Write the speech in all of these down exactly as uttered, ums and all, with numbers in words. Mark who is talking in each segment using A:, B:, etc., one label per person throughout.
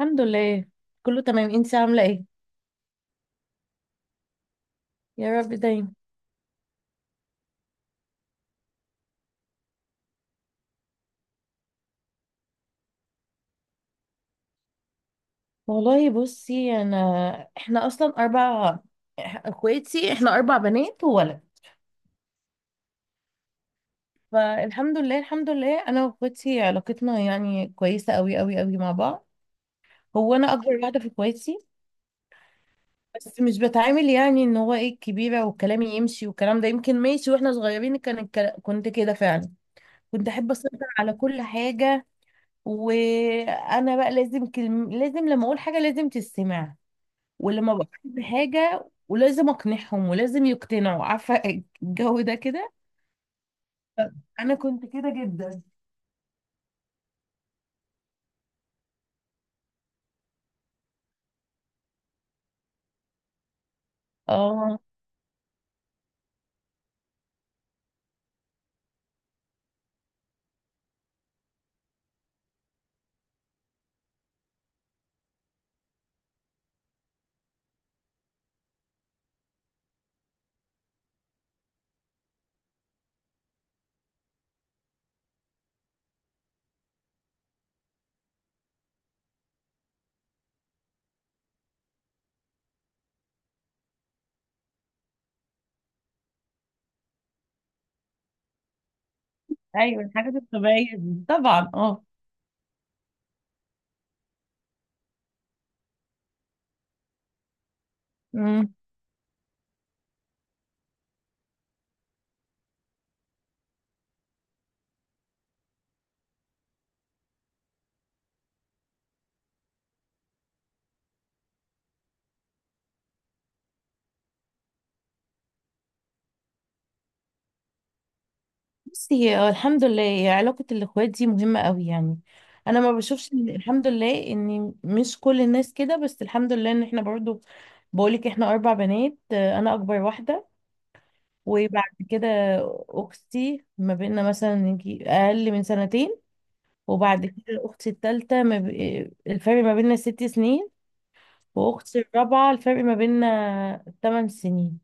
A: الحمد لله، كله تمام. انت عامله ايه؟ يا رب دايما. والله بصي انا، احنا اصلا اربع إح- اخواتي. احنا اربع بنات وولد. فالحمد لله، الحمد لله انا واخواتي علاقتنا يعني كويسه قوي قوي قوي مع بعض. هو انا اكبر واحده في اخواتي. بس مش بتعامل يعني ان هو ايه الكبيره وكلامي يمشي، والكلام ده يمكن ماشي واحنا صغيرين. كان الكلا- كنت كده فعلا. كنت احب اسيطر على كل حاجه. وانا بقى لازم كلم... لازم لما اقول حاجه لازم تستمع. ولما بقترح بحاجة ولازم اقنعهم ولازم يقتنعوا، عارفة؟ الجو ده كده. انا كنت كده جدا. اه، ايوه، الحاجات الطبيعية دي طبعا اه أمم. بصي، هو الحمد لله هي علاقة الاخوات دي مهمة قوي يعني. انا ما بشوفش إن- الحمد لله ان مش كل الناس كده، بس الحمد لله ان احنا برضو. بقولك احنا اربع بنات، آه، انا اكبر واحدة. وبعد كده اختي ما بيننا مثلا يجي اقل من سنتين. وبعد كده اختي التالتة ما ب... الفرق ما بيننا ست سنين. واختي الرابعة الفرق ما بيننا تمن سنين.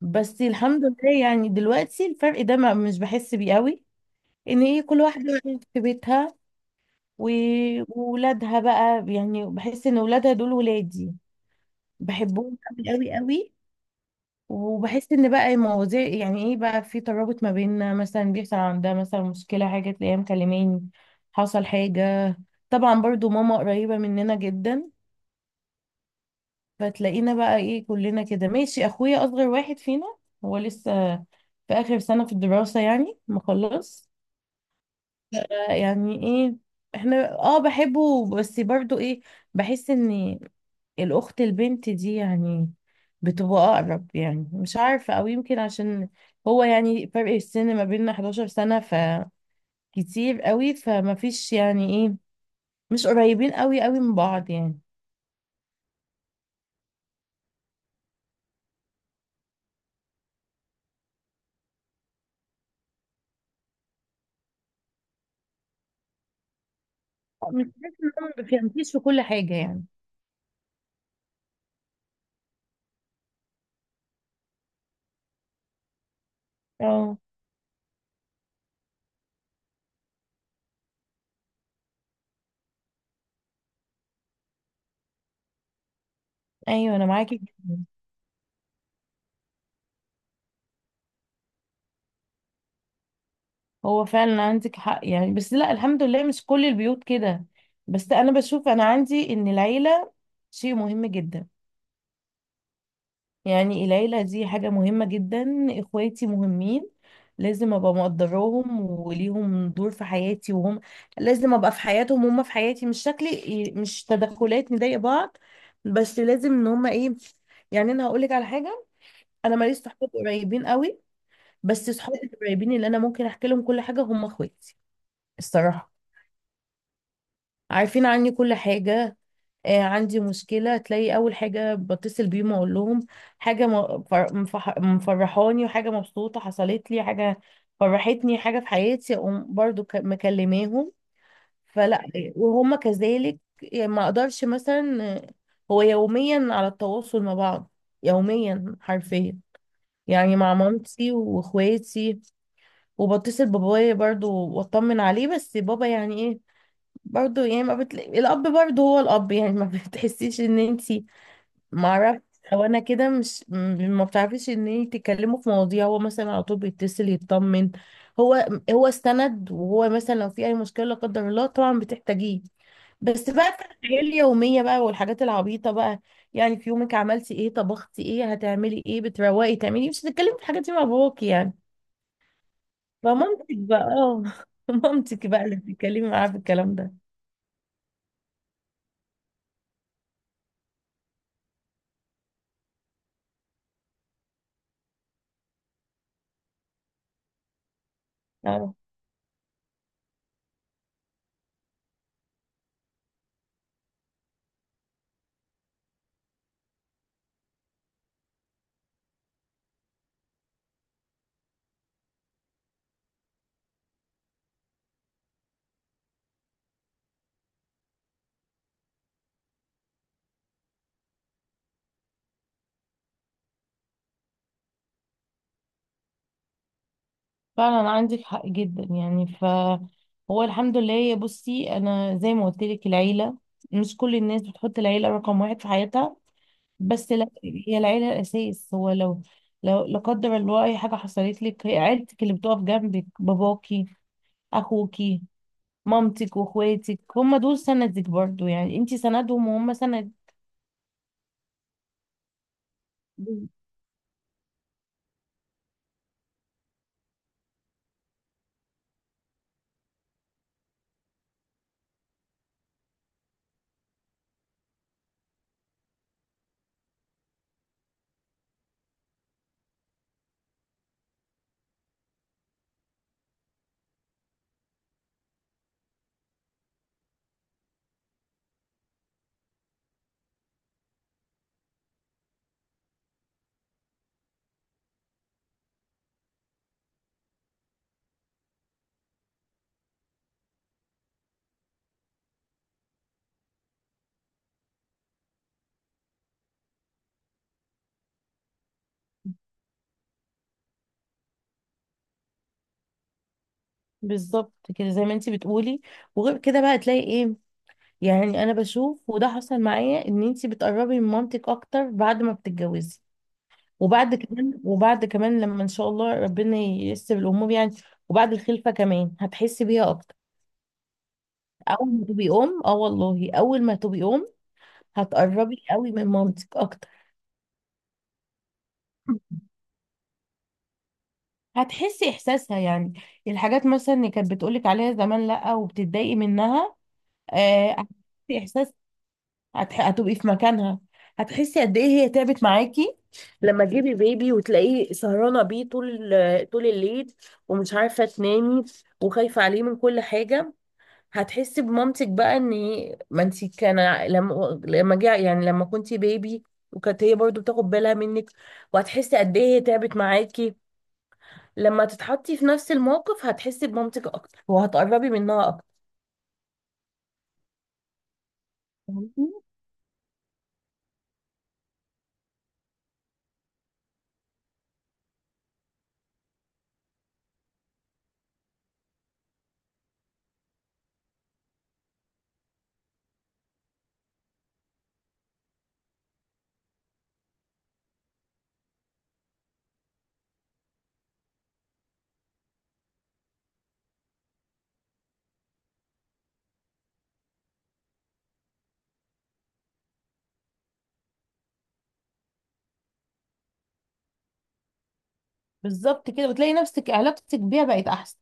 A: بس الحمد لله يعني دلوقتي الفرق ده ما مش بحس بيه قوي. ان ايه كل واحدة في بيتها و- وولادها بقى، يعني بحس ان ولادها دول ولادي. بحبهم قوي قوي قوي. وبحس ان بقى المواضيع يعني ايه بقى في ترابط ما بيننا. مثلا بيحصل عندها مثلا مشكلة، حاجة تلاقيها مكلماني حصل حاجة. طبعا برضو ماما قريبة مننا جدا. فتلاقينا بقى ايه كلنا كده ماشي. اخويا اصغر واحد فينا، هو لسه في اخر سنة في الدراسة يعني مخلص. آه، يعني ايه، احنا اه بحبه بس برضو ايه. بحس ان الاخت البنت دي يعني بتبقى اقرب، يعني مش عارفة، او يمكن عشان هو يعني فرق السن ما بيننا حداشر سنة، فكتير قوي. فما فيش يعني ايه، مش قريبين قوي قوي من بعض يعني. مش بحس ان هم ما بيفهمكيش في كل حاجة يعني. اه، ايوه، انا معاكي جدا. هو فعلا عندك حق يعني، بس لا الحمد لله مش كل البيوت كده. بس انا بشوف، انا عندي ان العيله شيء مهم جدا. يعني العيله دي حاجه مهمه جدا، اخواتي مهمين. لازم ابقى مقدراهم وليهم دور في حياتي، وهم لازم ابقى في حياتهم وهم في حياتي. مش شكلي إيه، مش تدخلات نضايق بعض، بس لازم ان هم ايه. يعني انا هقول لك على حاجه، انا ماليش صحاب قريبين قوي. بس صحابي القريبين اللي انا ممكن احكي لهم كل حاجه هم اخواتي، الصراحة. عارفين عني كل حاجة. آه، عندي مشكلة تلاقي أول حاجة بتصل بيهم أقول لهم. حاجة م- فر- مفح- مفرحاني، وحاجة مبسوطة حصلت لي، حاجة فرحتني حاجة في حياتي أقوم برضو ك- مكلماهم. فلا، وهم كذلك. يعني ما أقدرش مثلا آه، هو يوميا على التواصل مع بعض، يوميا حرفيا، يعني مع مامتي واخواتي. وبتصل بابايا برضو واطمن عليه، بس بابا يعني إيه، برضه يعني ما بتلاقي الاب برضه هو الاب، يعني ما بتحسيش ان انتي، معرفش، او انا كده مش م- ما بتعرفيش ان انتي تتكلموا في مواضيع. هو مثلا على طول بيتصل يطمن. هو هو استند، وهو مثلا لو في اي مشكله لا قدر الله طبعا بتحتاجيه. بس بقى في الحياه اليوميه بقى، والحاجات العبيطه بقى، يعني في يومك عملتي ايه، طبختي ايه، هتعملي ايه، بتروقي تعملي إيه؟ مش هتتكلمي في الحاجات دي مع باباكي يعني. فمامتك بقى اه مامتك بقى اللي بتتكلمي معاها في الكلام ده. فعلا عندك حق جدا يعني ف هو الحمد لله، يا بصي انا زي ما قلت لك، العيله. مش كل الناس بتحط العيله رقم واحد في حياتها، بس لا، هي العيله الاساس. هو لو لو لا قدر الله اي حاجه حصلت لك، هي عيلتك اللي بتقف جنبك. باباكي، اخوكي، مامتك واخواتك هم دول سندك برضو. يعني انت سندهم وهم سند. بالظبط كده، زي ما انت بتقولي. وغير كده بقى تلاقي ايه، يعني انا بشوف، وده حصل معايا، ان انتي بتقربي من مامتك اكتر بعد ما بتتجوزي. وبعد كمان وبعد كمان لما ان شاء الله ربنا ييسر الامور يعني، وبعد الخلفه كمان هتحسي بيها اكتر. اول ما تبقي ام، اه والله، اول ما تبقي ام هتقربي قوي من مامتك اكتر. هتحسي احساسها يعني. الحاجات مثلا اللي كانت بتقولك عليها زمان لا وبتتضايقي منها، آه، هتحسي، هتح... هتبقي في مكانها. هتحسي قد ايه هي تعبت معاكي لما تجيبي بيبي وتلاقيه سهرانه بيه طول ال- طول الليل ومش عارفه تنامي وخايفه عليه من كل حاجه. هتحسي بمامتك بقى، ان هي- ما انت كان، لما لما جه يعني لما كنتي بيبي، وكانت هي برضو بتاخد بالها منك. وهتحسي قد ايه هي تعبت معاكي لما تتحطي في نفس الموقف. هتحسي بمامتك اكتر وهتقربي منها اكتر. فاهمني؟ بالظبط كده، وتلاقي نفسك علاقتك بيها بقت احسن.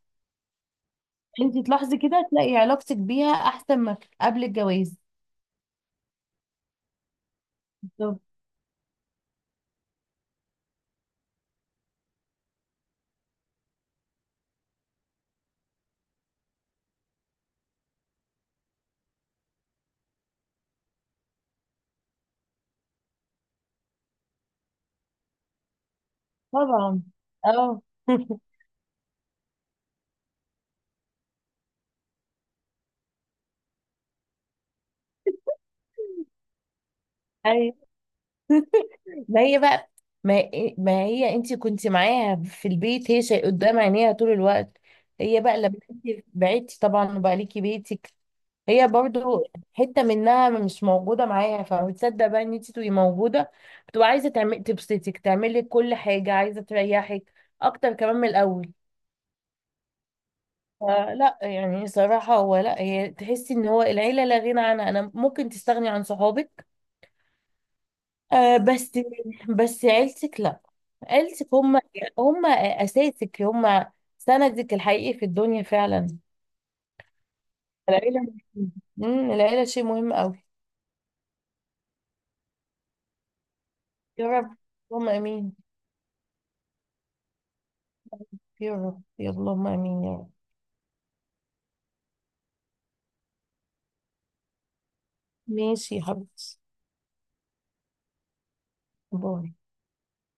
A: انت تلاحظي كده، تلاقي علاقتك بيها احسن ما قبل الجواز. بالظبط، طبعا، اه. ايوه، ما هي بقى. ما, إيه، ما هي انت كنت معاها في البيت، هي شيء قدام عينيها طول الوقت. هي بقى لما انت بعدتي طبعا وبقى ليكي بيتك، هي برضو حتة منها مش موجودة معاها. فبتصدق بقى ان انت تبقي موجودة، بتبقى عايزة تعمل تبسطك، تعملي كل حاجة، عايزة تريحك اكتر كمان من الاول. فلا يعني صراحة، هو لا، هي تحسي ان هو العيلة لا غنى عنها. انا ممكن تستغني عن صحابك، آه، بس بس عيلتك لا. عيلتك هم، هم اساسك، هم سندك الحقيقي في الدنيا فعلا. العيلة مهمة. امم العيلة شيء مهم قوي. يا رب. اللهم امين. يا رب يا اللهم امين يا رب. ماشي يا حبيبتي. باي.